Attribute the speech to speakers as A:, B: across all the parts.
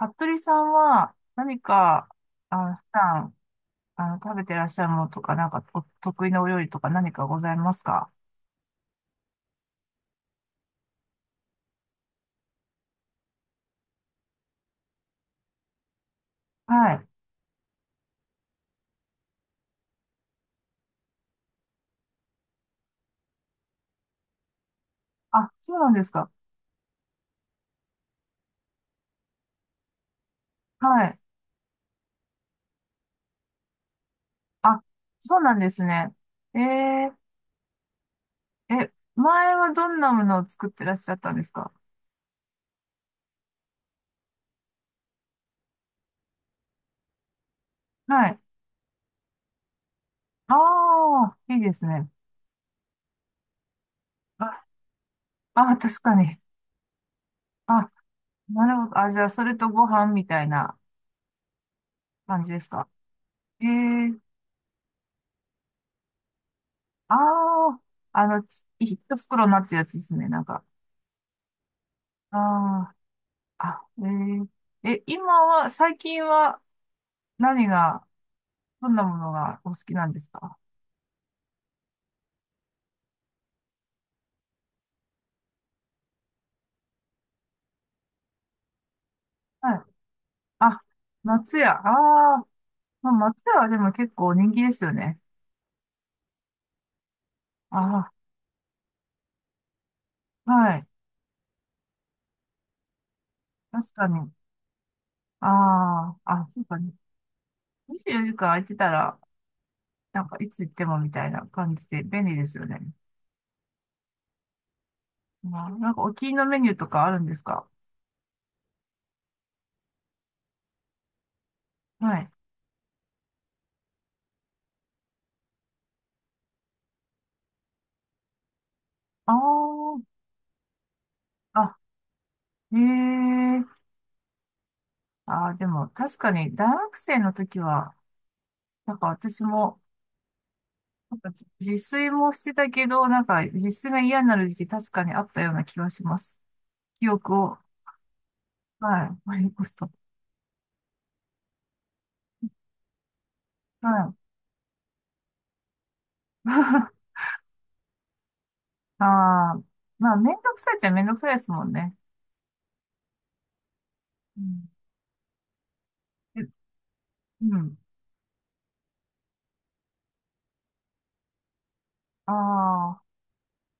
A: 服部さんは何か、普段、食べてらっしゃるものとか、なんかお得意なお料理とか何かございますか？はい。あ、そうなんですか。はい。あ、そうなんですね。えー、え、前はどんなものを作ってらっしゃったんですか？はい。ああ、いいですね。あ、あ、確かに。あ、なるほど。あ、じゃあ、それとご飯みたいな感じですか？ええー、ああ、ち一袋になってるやつですね、なんか。ああ。あ、えー、え、今は、最近は何が、どんなものがお好きなんですか？はい。あ、松屋。ああ、まあ、松屋はでも結構人気ですよね。ああ、はい。確かに。ああ、あ、そうかね。24時間空いてたら、なんかいつ行ってもみたいな感じで便利ですよね。まあ、なんかお気に入りのメニューとかあるんですか？はい。ああ、あ、ええ、ああ、でも確かに大学生の時は、なんか私も、なんか自炊もしてたけど、なんか自炊が嫌になる時期確かにあったような気はします。記憶を、はい、思い起こすと。はい。ああ、まあ、めんどくさいっちゃめんどくさいですもんね。うん。え、うん。ああ、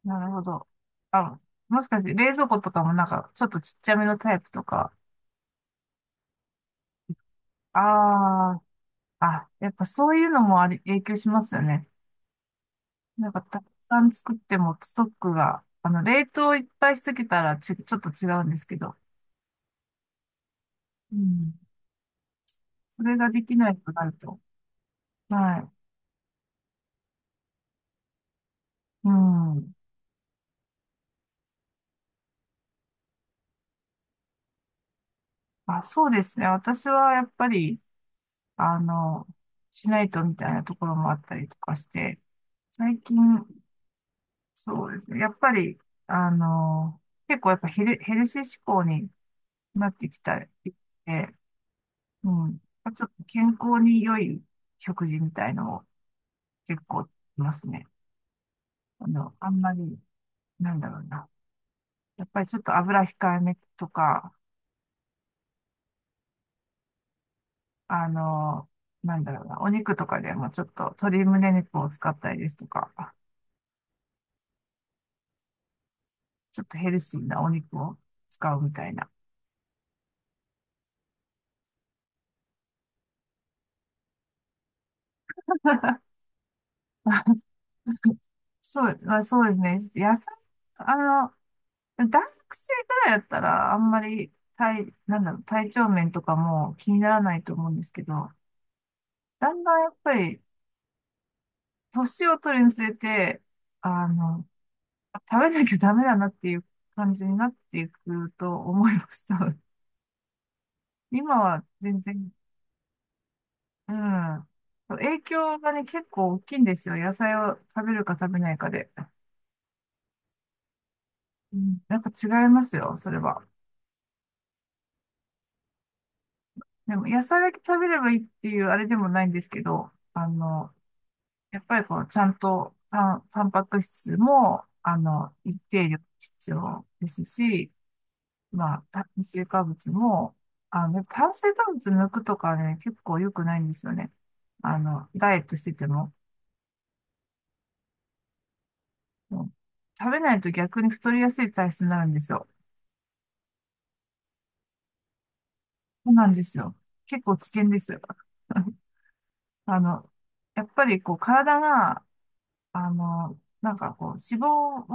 A: なるほど。あ、もしかして冷蔵庫とかもなんかちょっとちっちゃめのタイプとか。ああ、あ、やっぱそういうのもあり、影響しますよね。なんか、たくさん作ってもストックが、冷凍いっぱいしとけたらち、ちょっと違うんですけど、うん。それができないとなると。はい。うん。あ、そうですね。私はやっぱり、あの、しないとみたいなところもあったりとかして、最近、そうですね。やっぱり、あの、結構やっぱヘル、ヘルシー志向になってきたりで、うん。ちょっと健康に良い食事みたいのを結構、いますね。あんまり、なんだろうな。やっぱりちょっと油控えめとか、あの、なんだろうな。お肉とかでもちょっと鶏胸肉を使ったりですとか、ちょっとヘルシーなお肉を使うみたいな。そう、まあ、そうですね。野菜、あの、大学生ぐらいやったら、あんまり体、なんだろう、体調面とかも気にならないと思うんですけど、だんだんやっぱり、年を取るにつれて、あの、食べなきゃダメだなっていう感じになっていくと思います、多分。今は全然、うん。影響がね、結構大きいんですよ。野菜を食べるか食べないかで。うん、やっぱ違いますよ、それは。でも、野菜だけ食べればいいっていうあれでもないんですけど、やっぱりこう、ちゃんとタン、タンパク質も、一定量必要ですし、まあ、炭水化物も、炭水化物抜くとかね、結構良くないんですよね。ダイエットしてても。うん、食べないと逆に太りやすい体質になるんですよ。そうなんですよ。結構危険ですよ。あの、やっぱりこう、体が、なんかこう、脂肪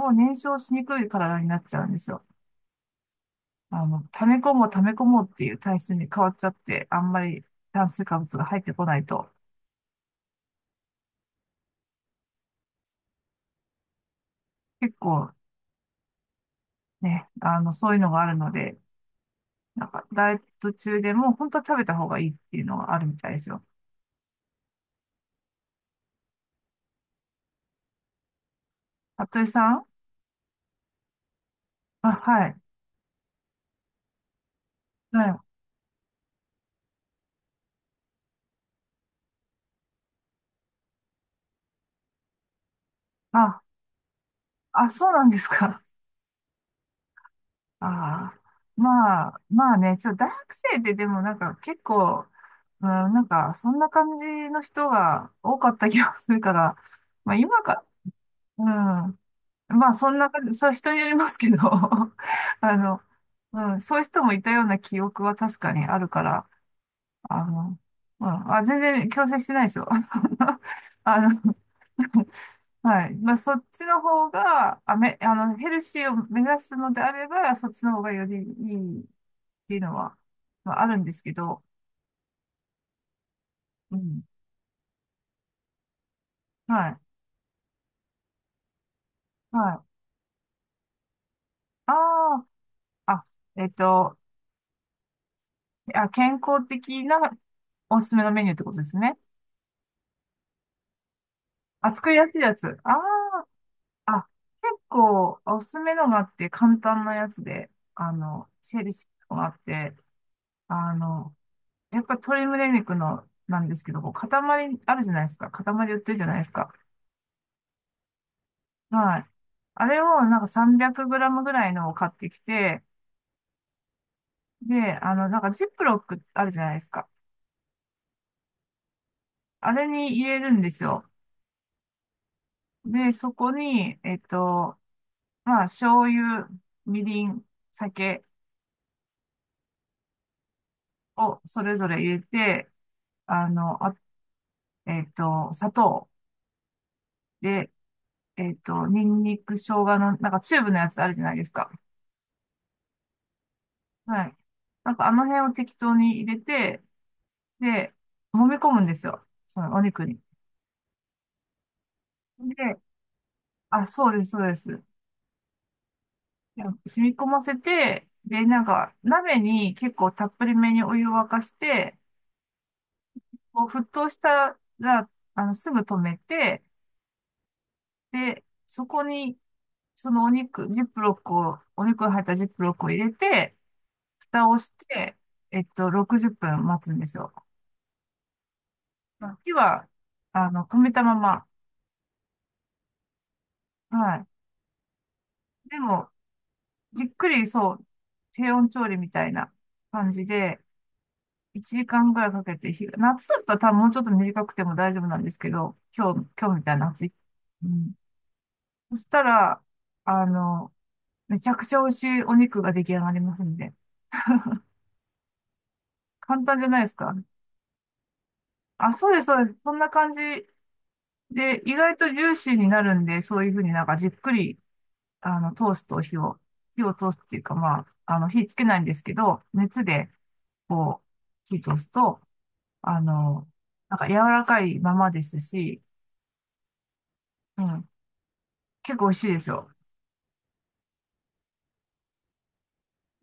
A: を燃焼しにくい体になっちゃうんですよ。溜め込もう溜め込もうっていう体質に変わっちゃって、あんまり炭水化物が入ってこないと、結構ね、そういうのがあるので、なんか、ダイエット中でも、本当は食べた方がいいっていうのがあるみたいですよ。服部さん、あ、はい。はい。あ、あ、そうなんですか。ああ。まあ、まあね、ちょ、大学生ででもなんか結構、うん、なんか、そんな感じの人が多かった気がするから、まあ今か、うん。まあそんな感じ、それは人によりますけど、あの、うん、そういう人もいたような記憶は確かにあるから、あの、まあ、あ全然強制してないですよ。あの、はい。まあ、そっちの方が、あ、め、ヘルシーを目指すのであれば、そっちの方がよりいいっていうのは、まあ、あるんですけど、うん。はい。はい。ああ、あ、えっと、あ、健康的なおすすめのメニューってことですね。あ、作りやすいやつ。ああ、あ、結構おすすめのがあって、簡単なやつで、ヘルシーのがあって、あの、やっぱ鶏胸肉のなんですけど、こう塊あるじゃないですか。塊売ってるじゃないですか。はい。あれをなんか 300g ぐらいのを買ってきて、で、なんかジップロックあるじゃないですか。あれに入れるんですよ。で、そこに、まあ、醤油、みりん、酒をそれぞれ入れて、あ、砂糖で、ニンニク、生姜の、なんかチューブのやつあるじゃないですか。はい。なんかあの辺を適当に入れて、で、揉み込むんですよ。そのお肉に。で、あ、そうです、そうです。で染み込ませて、で、なんか鍋に結構たっぷりめにお湯を沸かして、こう沸騰したら、すぐ止めて、で、そこに、そのお肉、ジップロックを、お肉が入ったジップロックを入れて、蓋をして、60分待つんですよ。火は、止めたまま。はい。でも、じっくり、そう、低温調理みたいな感じで、1時間ぐらいかけて火が、夏だったら多分もうちょっと短くても大丈夫なんですけど、今日みたいな暑い。うん。そしたら、あの、めちゃくちゃ美味しいお肉が出来上がりますんで。簡単じゃないですか。あ、そうです、そうです。そんな感じで、意外とジューシーになるんで、そういうふうになんかじっくり、通すと火を、火を通すっていうか、まあ、火つけないんですけど、熱で、こう、火通すと、あの、なんか柔らかいままですし、うん、結構美味しいですよ。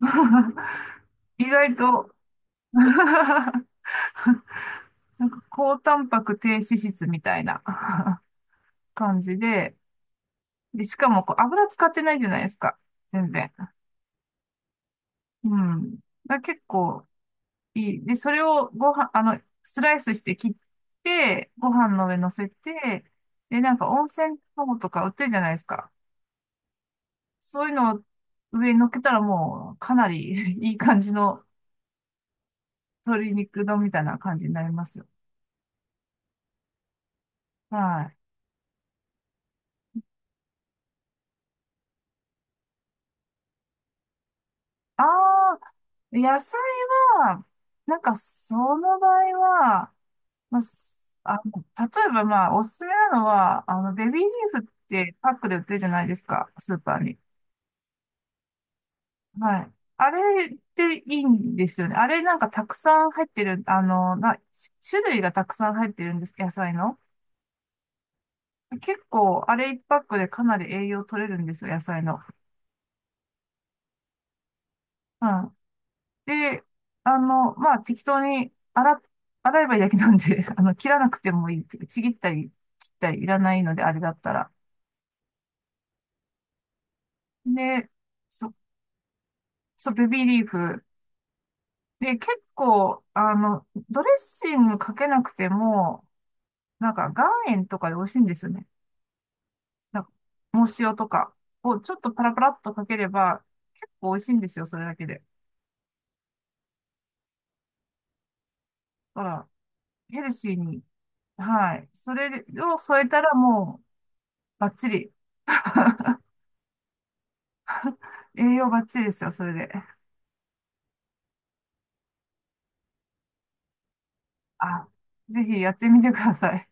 A: 意外と なんか高タンパク低脂質みたいな 感じで、で、しかもこう油使ってないじゃないですか。全然。うん。だから結構いい。で、それをご飯、スライスして切って、ご飯の上乗せて、で、なんか温泉卵とか売ってるじゃないですか。そういうのを上に乗っけたらもうかなり いい感じの鶏肉丼みたいな感じになりますよ。はい。ああ、野菜は、なんかその場合は、まあ、すあの、例えばまあ、おすすめなのは、ベビーリーフってパックで売ってるじゃないですか、スーパーに。はい。あれっていいんですよね。あれなんかたくさん入ってる、な、し種類がたくさん入ってるんです、野菜の。結構、あれ一パックでかなり栄養取れるんですよ、野菜の。うん、で、まあ、適当に洗っ、洗えばいいだけなんで、切らなくてもいいっていうか。ちぎったり、切ったりいらないので、あれだったら。で、そ、そう、ベビーリーフ。で、結構、ドレッシングかけなくても、なんか、岩塩とかで美味しいんですよね。なんか、藻塩とかをちょっとパラパラっとかければ、結構美味しいんですよ、それだけで。だから、ヘルシーに。はい。それを添えたらもう、バッチリ。栄養バッチリですよ、それで。あ、ぜひやってみてください。